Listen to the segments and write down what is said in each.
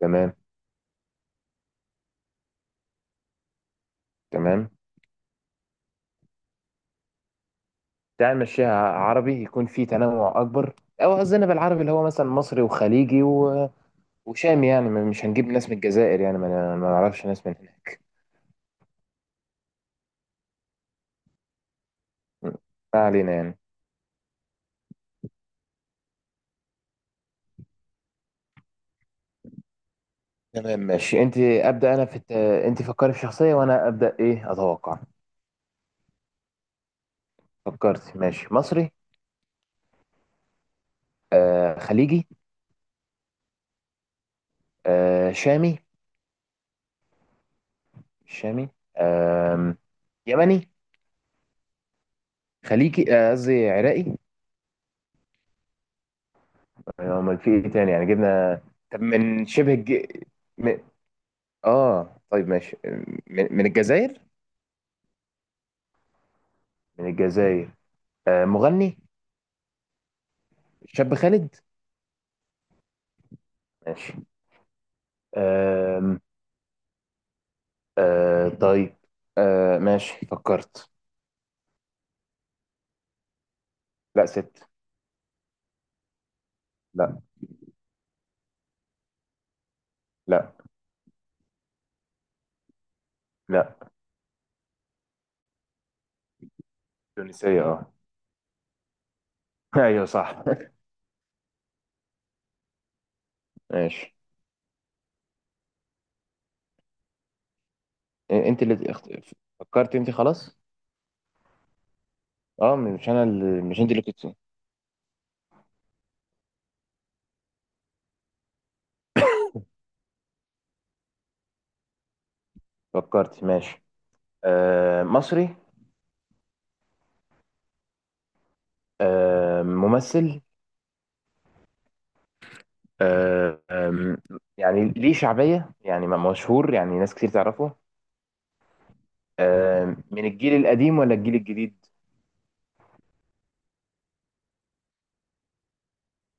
تمام تمام. تعال نمشيها عربي يكون فيه تنوع اكبر. او قصدنا بالعربي اللي هو مثلا مصري وخليجي وشامي، يعني مش هنجيب ناس من الجزائر، يعني ما نعرفش ناس من هناك. ما علينا يعني. تمام. ماشي انت ابدا، انا في انت فكري في شخصيه وانا ابدا ايه اتوقع. فكرت؟ ماشي، مصري؟ آه، خليجي؟ آه، شامي؟ مش شامي؟ آه، يمني؟ خليجي، آه، قصدي عراقي؟ آه، امال في ايه تاني يعني جبنا. طب من شبه اه، طيب، ماشي. من الجزائر. من الجزائر، آه، مغني، شاب خالد. ماشي. آم آه، طيب. آه، ماشي، فكرت؟ لا، ست. لا. لا. لا. تونسية، اه. ايوه صح. ماشي. إيه، انت اللي فكرت انت؟ خلاص. اه، مش انا مش انت اللي كنت؟ فكرت؟ ماشي. آه، مصري؟ آه، ممثل؟ آه آم، يعني ليه شعبية، يعني مشهور، يعني ناس كتير تعرفه؟ آم، من الجيل القديم ولا الجيل الجديد؟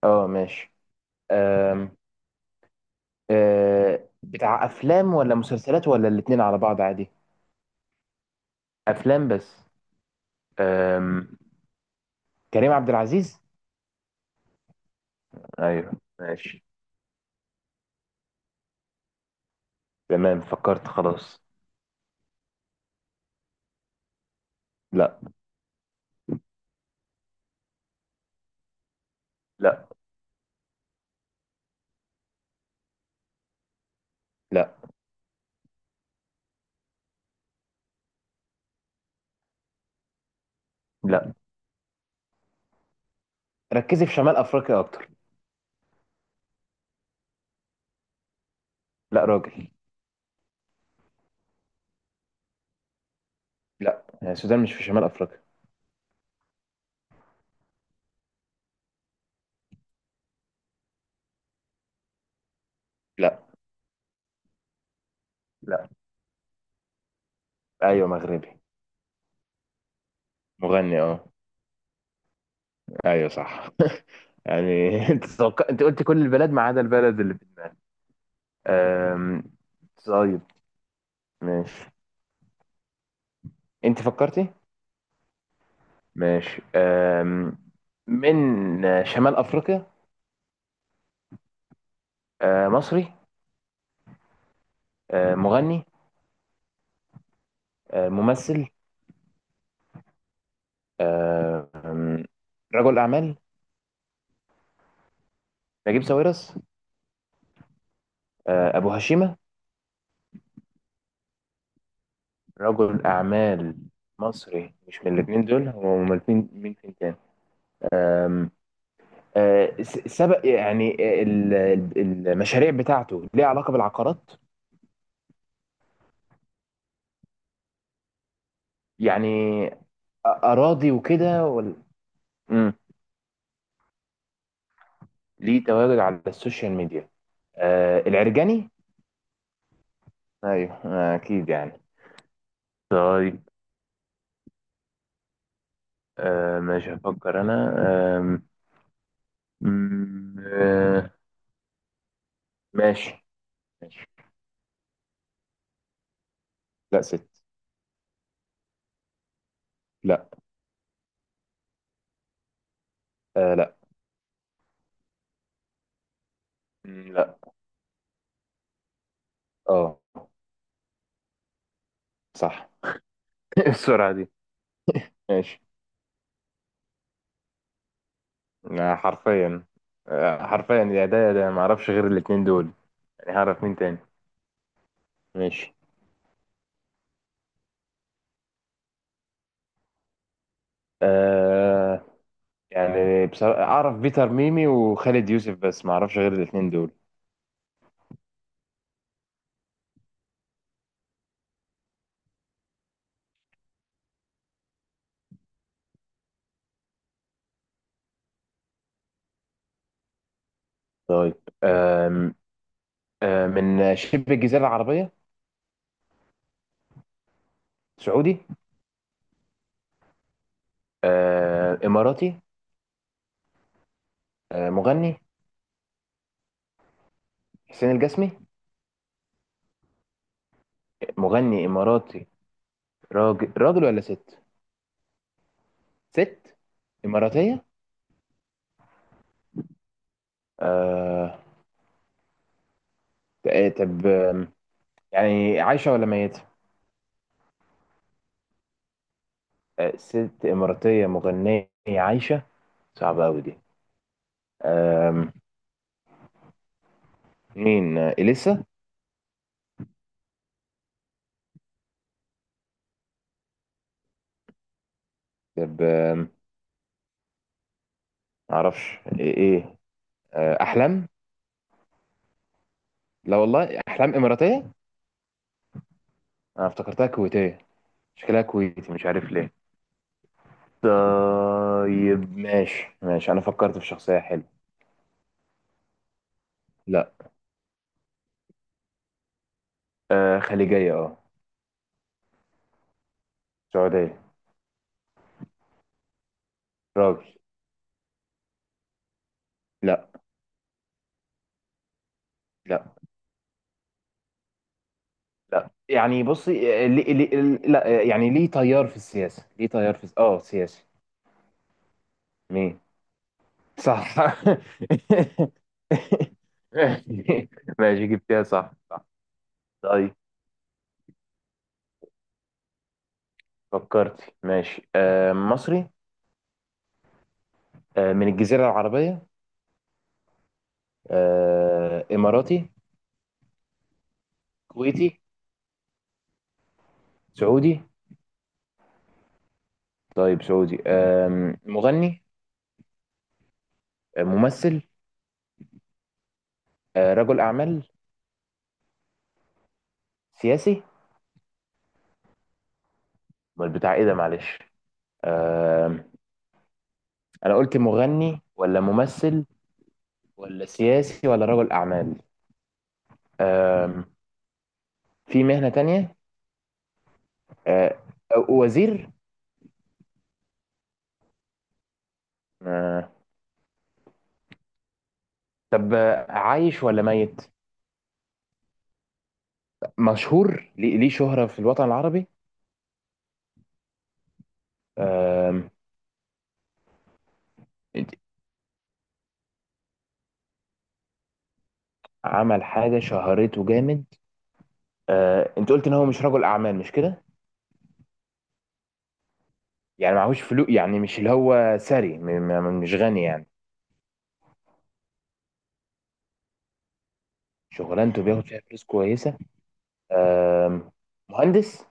اه، ماشي. آم، آه، بتاع افلام ولا مسلسلات ولا الاتنين على بعض عادي؟ افلام بس؟ آم، كريم عبد العزيز؟ ايوه. ماشي. تمام، فكرت خلاص. لا. لا. لا. لا. ركزي في شمال افريقيا اكتر. لا، راجل. لا، آه، السودان مش في شمال افريقيا. لا. لا. ايوه، مغربي. مغني، اه. ايوه صح. يعني انت انت قلت كل البلاد ما عدا البلد اللي. آم، طيب، ماشي. انت فكرتي؟ ماشي، أم، من آه، شمال افريقيا؟ أه، مصري؟ أه، مغني؟ أه، ممثل؟ أه، أم، رجل اعمال؟ نجيب ساويرس؟ أه، ابو هشيمة؟ رجل اعمال مصري مش من الاثنين دول، هو من الاثنين، مين فين كان؟ أه، سبق يعني، المشاريع بتاعته ليها علاقة بالعقارات؟ يعني أ- اراضي وكده ولا؟ مم. ليه تواجد على السوشيال ميديا؟ آه، العرجاني؟ ايوه، آه، اكيد يعني. طيب. آه، ماشي، هفكر انا. آه م- آه ماشي. ماشي. لا، ست. لا. آه، لا. لا. اه، صح. إيه السرعة دي. ماشي. آه، حرفيا. آه، حرفيا، يا ده يا ده، ما اعرفش غير الاتنين دول، يعني هعرف مين تاني. ماشي. آه، يعني بصراحة اعرف بيتر ميمي وخالد يوسف، بس ما اعرفش غير الاتنين دول. طيب. آم آه من شبه الجزيرة العربية؟ سعودي؟ آه، إماراتي؟ آه، مغني؟ حسين الجسمي؟ مغني إماراتي. راجل ولا ست؟ ست إماراتية. آه، طب آم، يعني عايشة ولا ميتة؟ آه، ست إماراتية مغنية عايشة، صعبة أوي دي. آم، مين؟ آه، إليسا؟ طب آم، معرفش. إيه إيه؟ آه، أحلام؟ لا والله، أحلام إماراتية؟ أنا افتكرتها كويتية، شكلها كويتي، مش عارف ليه. طيب، ماشي ماشي، انا فكرت في شخصية حلوة. لا. آه، خليجية، اه. سعودية. راجل. لا. لا. لا يعني، بصي آه، لي لي لا، آه، يعني ليه تيار في السياسة، ليه تيار في اه، سياسي. مين؟ صح. ماشي، جبتها صح صح. طيب. فكرت؟ ماشي. آه، مصري؟ آه، من الجزيرة العربية؟ آه، إماراتي؟ كويتي؟ سعودي؟ طيب، سعودي. آم، مغني؟ ممثل؟ آه، رجل اعمال؟ سياسي؟ امال بتاع ايه ده معلش. آه، انا قلت مغني ولا ممثل ولا سياسي ولا رجل اعمال. آه، في مهنة تانية. آه، وزير. آه، طب آه، عايش ولا ميت؟ مشهور ليه، ليه شهرة في الوطن العربي؟ آم، عمل حاجة شهرته جامد. آه، انت قلت ان هو مش رجل اعمال، مش كده؟ يعني معهوش فلوس، يعني مش اللي هو ثري، مش غني يعني؟ شغلانته بياخد فيها فلوس كويسة. آم، مهندس؟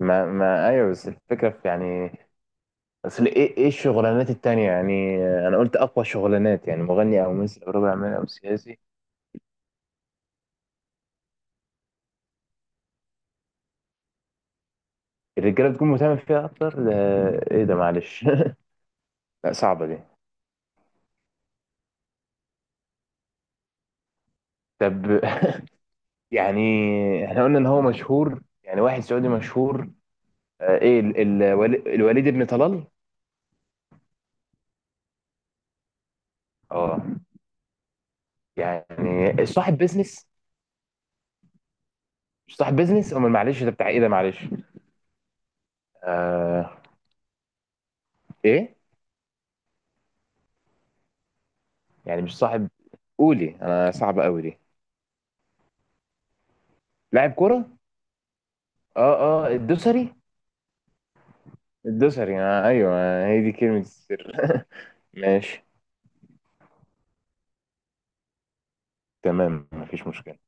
ما ايوه، بس الفكره في يعني، اصل ايه ايه الشغلانات التانية يعني، آه، انا قلت اقوى شغلانات، يعني مغني او ممثل او رجل اعمال او سياسي. الرجاله بتكون مهتمه فيها اكتر ده؟ ايه ده معلش. لا، صعبه دي. طب يعني، احنا قلنا ان هو مشهور، يعني واحد سعودي مشهور. آه، ايه الوليد ابن طلال؟ اه، يعني صاحب بيزنس؟ مش صاحب بيزنس؟ امال معلش، ده بتاع ايه ده معلش. آه، ايه، يعني مش صاحب؟ قولي، انا صعبة قوي دي. لاعب كرة؟ اه. اه، الدوسري؟ الدوسري، آه، ايوه، هي دي كلمة السر. ماشي. تمام، مفيش مشكلة.